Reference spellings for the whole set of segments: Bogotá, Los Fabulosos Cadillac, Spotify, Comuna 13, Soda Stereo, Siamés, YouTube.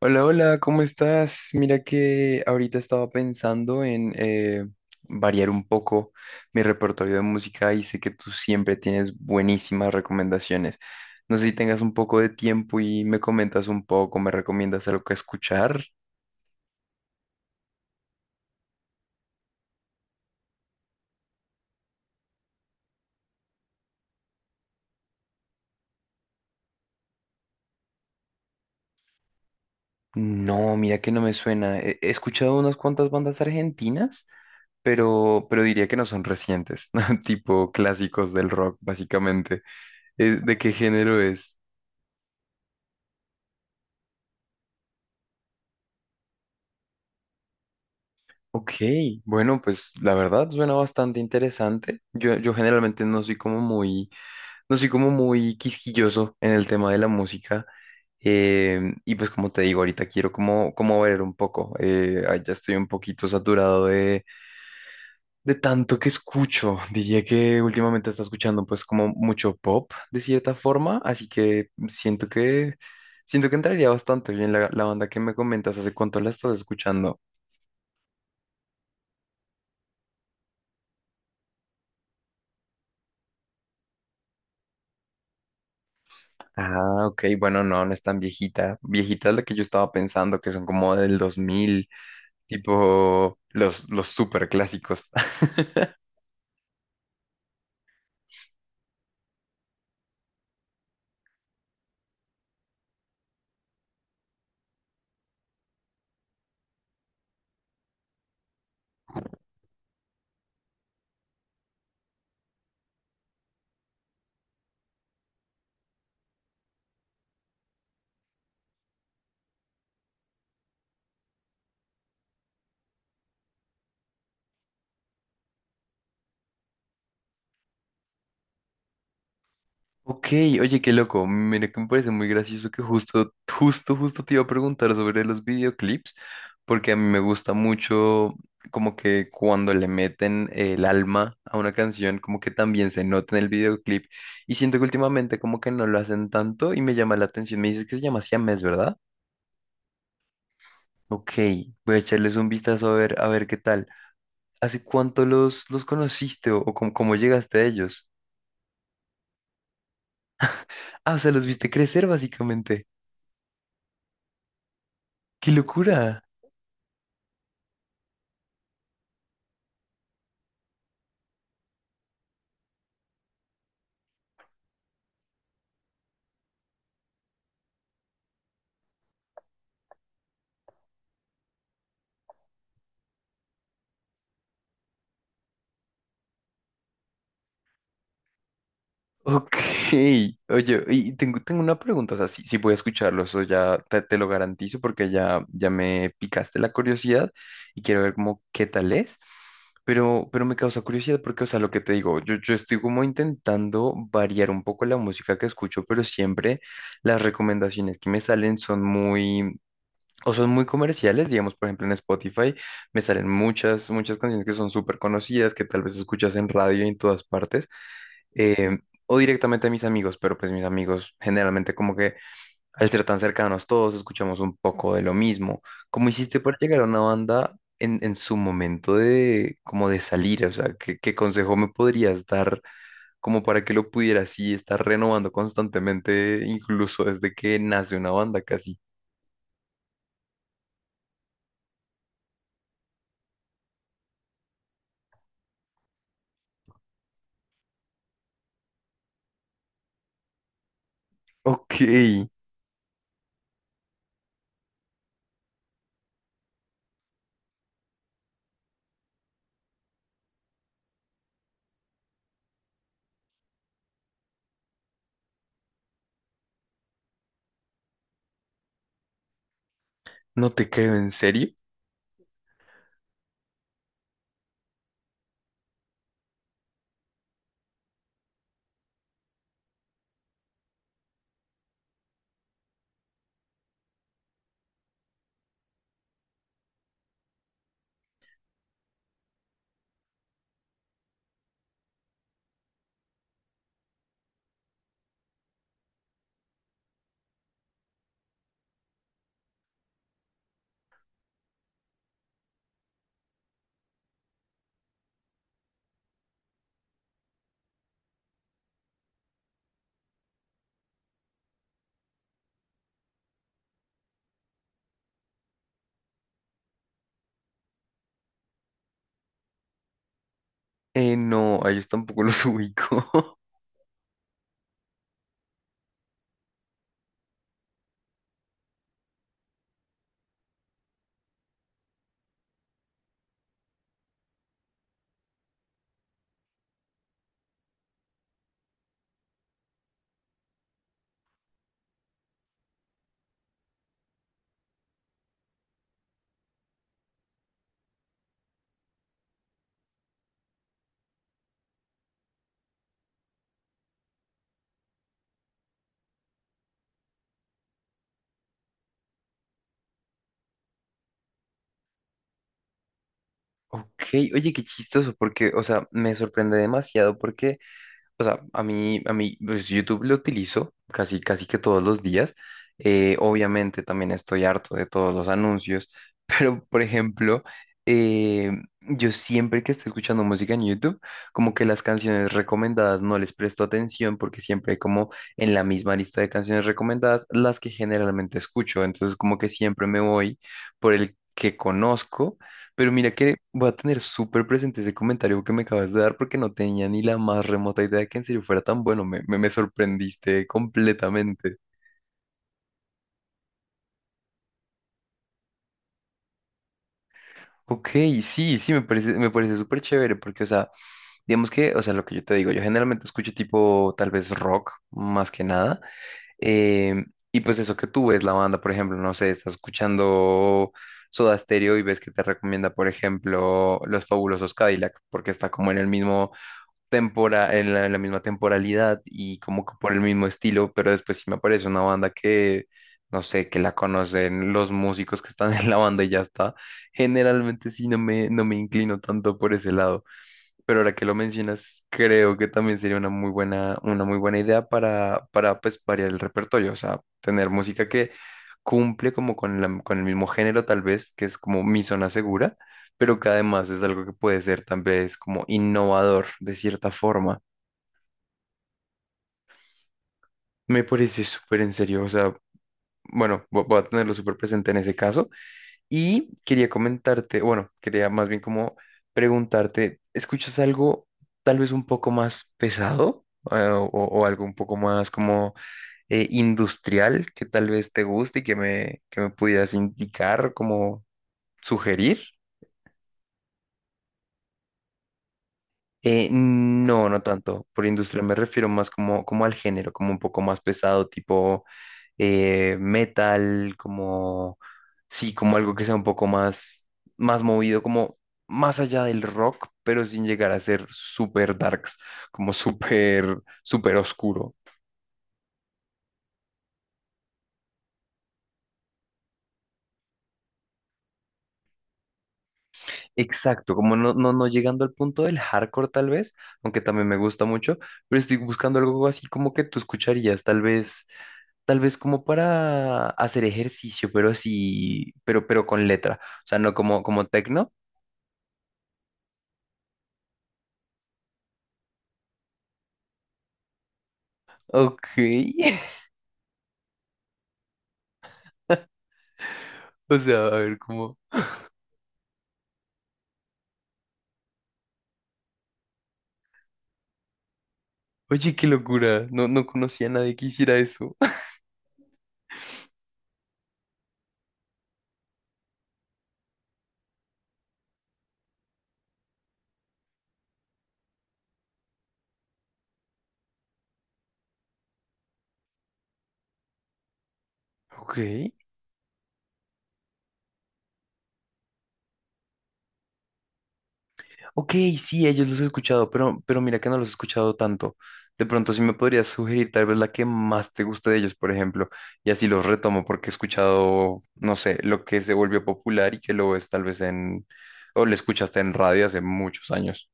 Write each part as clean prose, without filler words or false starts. Hola, hola, ¿cómo estás? Mira que ahorita estaba pensando en variar un poco mi repertorio de música y sé que tú siempre tienes buenísimas recomendaciones. No sé si tengas un poco de tiempo y me comentas un poco, me recomiendas algo que escuchar. No, mira que no me suena. He escuchado unas cuantas bandas argentinas, pero diría que no son recientes, tipo clásicos del rock, básicamente. ¿De qué género es? Ok, bueno, pues la verdad suena bastante interesante. Yo generalmente no soy como muy, no soy como muy quisquilloso en el tema de la música. Y pues como te digo, ahorita quiero como, como ver un poco. Ya estoy un poquito saturado de tanto que escucho. Diría que últimamente está escuchando pues como mucho pop de cierta forma. Así que siento siento que entraría bastante bien la banda que me comentas. ¿Hace cuánto la estás escuchando? Ah, ok, bueno, no, no es tan viejita. Viejita es la que yo estaba pensando, que son como del 2000, tipo los super clásicos. Ok, oye, qué loco. Mira que me parece muy gracioso que justo te iba a preguntar sobre los videoclips, porque a mí me gusta mucho como que cuando le meten el alma a una canción, como que también se nota en el videoclip. Y siento que últimamente como que no lo hacen tanto y me llama la atención. Me dices que se llama Siamés, ¿verdad? Ok, voy a echarles un vistazo a a ver qué tal. ¿Hace cuánto los conociste o cómo, cómo llegaste a ellos? Ah, o sea, los viste crecer básicamente. ¡Qué locura! Ok, oye, y tengo una pregunta, o sea, sí voy a escucharlo, eso ya te lo garantizo porque ya me picaste la curiosidad y quiero ver como qué tal es, pero me causa curiosidad porque, o sea, lo que te digo, yo estoy como intentando variar un poco la música que escucho, pero siempre las recomendaciones que me salen son muy, o son muy comerciales, digamos, por ejemplo, en Spotify me salen muchas canciones que son súper conocidas, que tal vez escuchas en radio y en todas partes, eh, o directamente a mis amigos, pero pues mis amigos generalmente como que al ser tan cercanos todos escuchamos un poco de lo mismo. ¿Cómo hiciste para llegar a una banda en su momento de como de salir? O sea, ¿ qué consejo me podrías dar como para que lo pudieras así estar renovando constantemente, incluso desde que nace una banda casi? Ok. No te creo, ¿en serio? No, a ellos tampoco los ubico. Ok, oye, qué chistoso, porque, o sea, me sorprende demasiado porque o sea, a mí, pues, YouTube lo utilizo casi que todos los días. Obviamente también estoy harto de todos los anuncios, pero por ejemplo, eh, yo siempre que estoy escuchando música en YouTube, como que las canciones recomendadas no les presto atención porque siempre hay como en la misma lista de canciones recomendadas las que generalmente escucho. Entonces como que siempre me voy por el que conozco pero mira que voy a tener súper presente ese comentario que me acabas de dar porque no tenía ni la más remota idea de que en serio fuera tan bueno. Me sorprendiste completamente. Ok, sí, sí, me me parece súper chévere porque, o sea, digamos que, o sea, lo que yo te digo, yo generalmente escucho tipo tal vez rock más que nada. em, y pues eso que tú ves la banda, por ejemplo, no sé, estás escuchando Soda Stereo y ves que te recomienda, por ejemplo, Los Fabulosos Cadillac porque está como en el mismo en en la misma temporalidad y como que por el mismo estilo, pero después sí me aparece una banda no sé, que la conocen los músicos que están en la banda y ya está. Generalmente sí no me inclino tanto por ese lado. Pero ahora que lo mencionas, creo que también sería una muy una muy buena idea para pues, variar el repertorio, o sea, tener música que cumple como con el mismo género tal vez, que es como mi zona segura, pero que además es algo que puede ser tal vez como innovador de cierta forma. Me parece súper en serio, o sea, bueno, voy a tenerlo súper presente en ese caso. Y quería comentarte, bueno, quería más bien como preguntarte, ¿escuchas algo tal vez un poco más pesado? O algo un poco más como industrial que tal vez te guste y que que me pudieras indicar, como sugerir? No, no tanto. Por industria me refiero más como, como al género, como un poco más pesado, tipo metal, como, sí, como algo que sea un poco más, más movido, como más allá del rock, pero sin llegar a ser súper darks, como súper oscuro. Exacto, como no llegando al punto del hardcore tal vez, aunque también me gusta mucho, pero estoy buscando algo así como que tú escucharías, tal tal vez como para hacer ejercicio, pero sí, pero con letra, o sea, no como, como tecno. Ok, o sea, a ver, como, oye, qué locura, no, no conocía a nadie que hiciera eso. Ok. Ok, sí, ellos los he escuchado, pero mira que no los he escuchado tanto. De pronto, sí me podrías sugerir tal vez la que más te guste de ellos, por ejemplo, y así los retomo porque he escuchado, no sé, lo que se volvió popular y que lo ves tal vez en, o lo escuchaste en radio hace muchos años.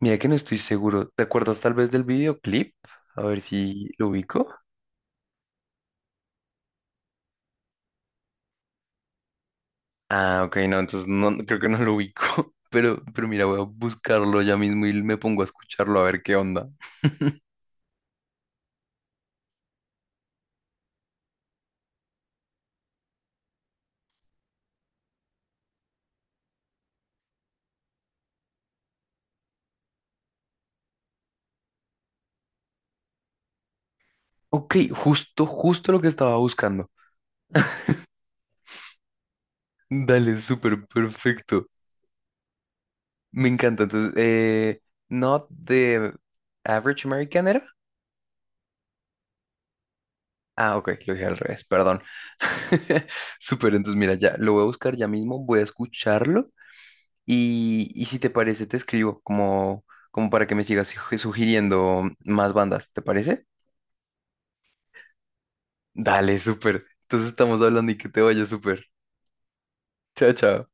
Mira que no estoy seguro. ¿Te acuerdas tal vez del videoclip? A ver si lo ubico. Ah, ok, no, entonces creo que no lo ubico. Pero mira, voy a buscarlo ya mismo y me pongo a escucharlo a ver qué onda. Ok, justo lo que estaba buscando. Dale, súper perfecto. Me encanta. Entonces, Not the Average American era. Ah, ok, lo dije al revés, perdón. Súper, entonces mira, ya lo voy a buscar ya mismo, voy a escucharlo y si te parece te escribo como, como para que me sigas sugiriendo más bandas, ¿te parece? Dale, súper. Entonces estamos hablando y que te vaya súper. Chao, chao.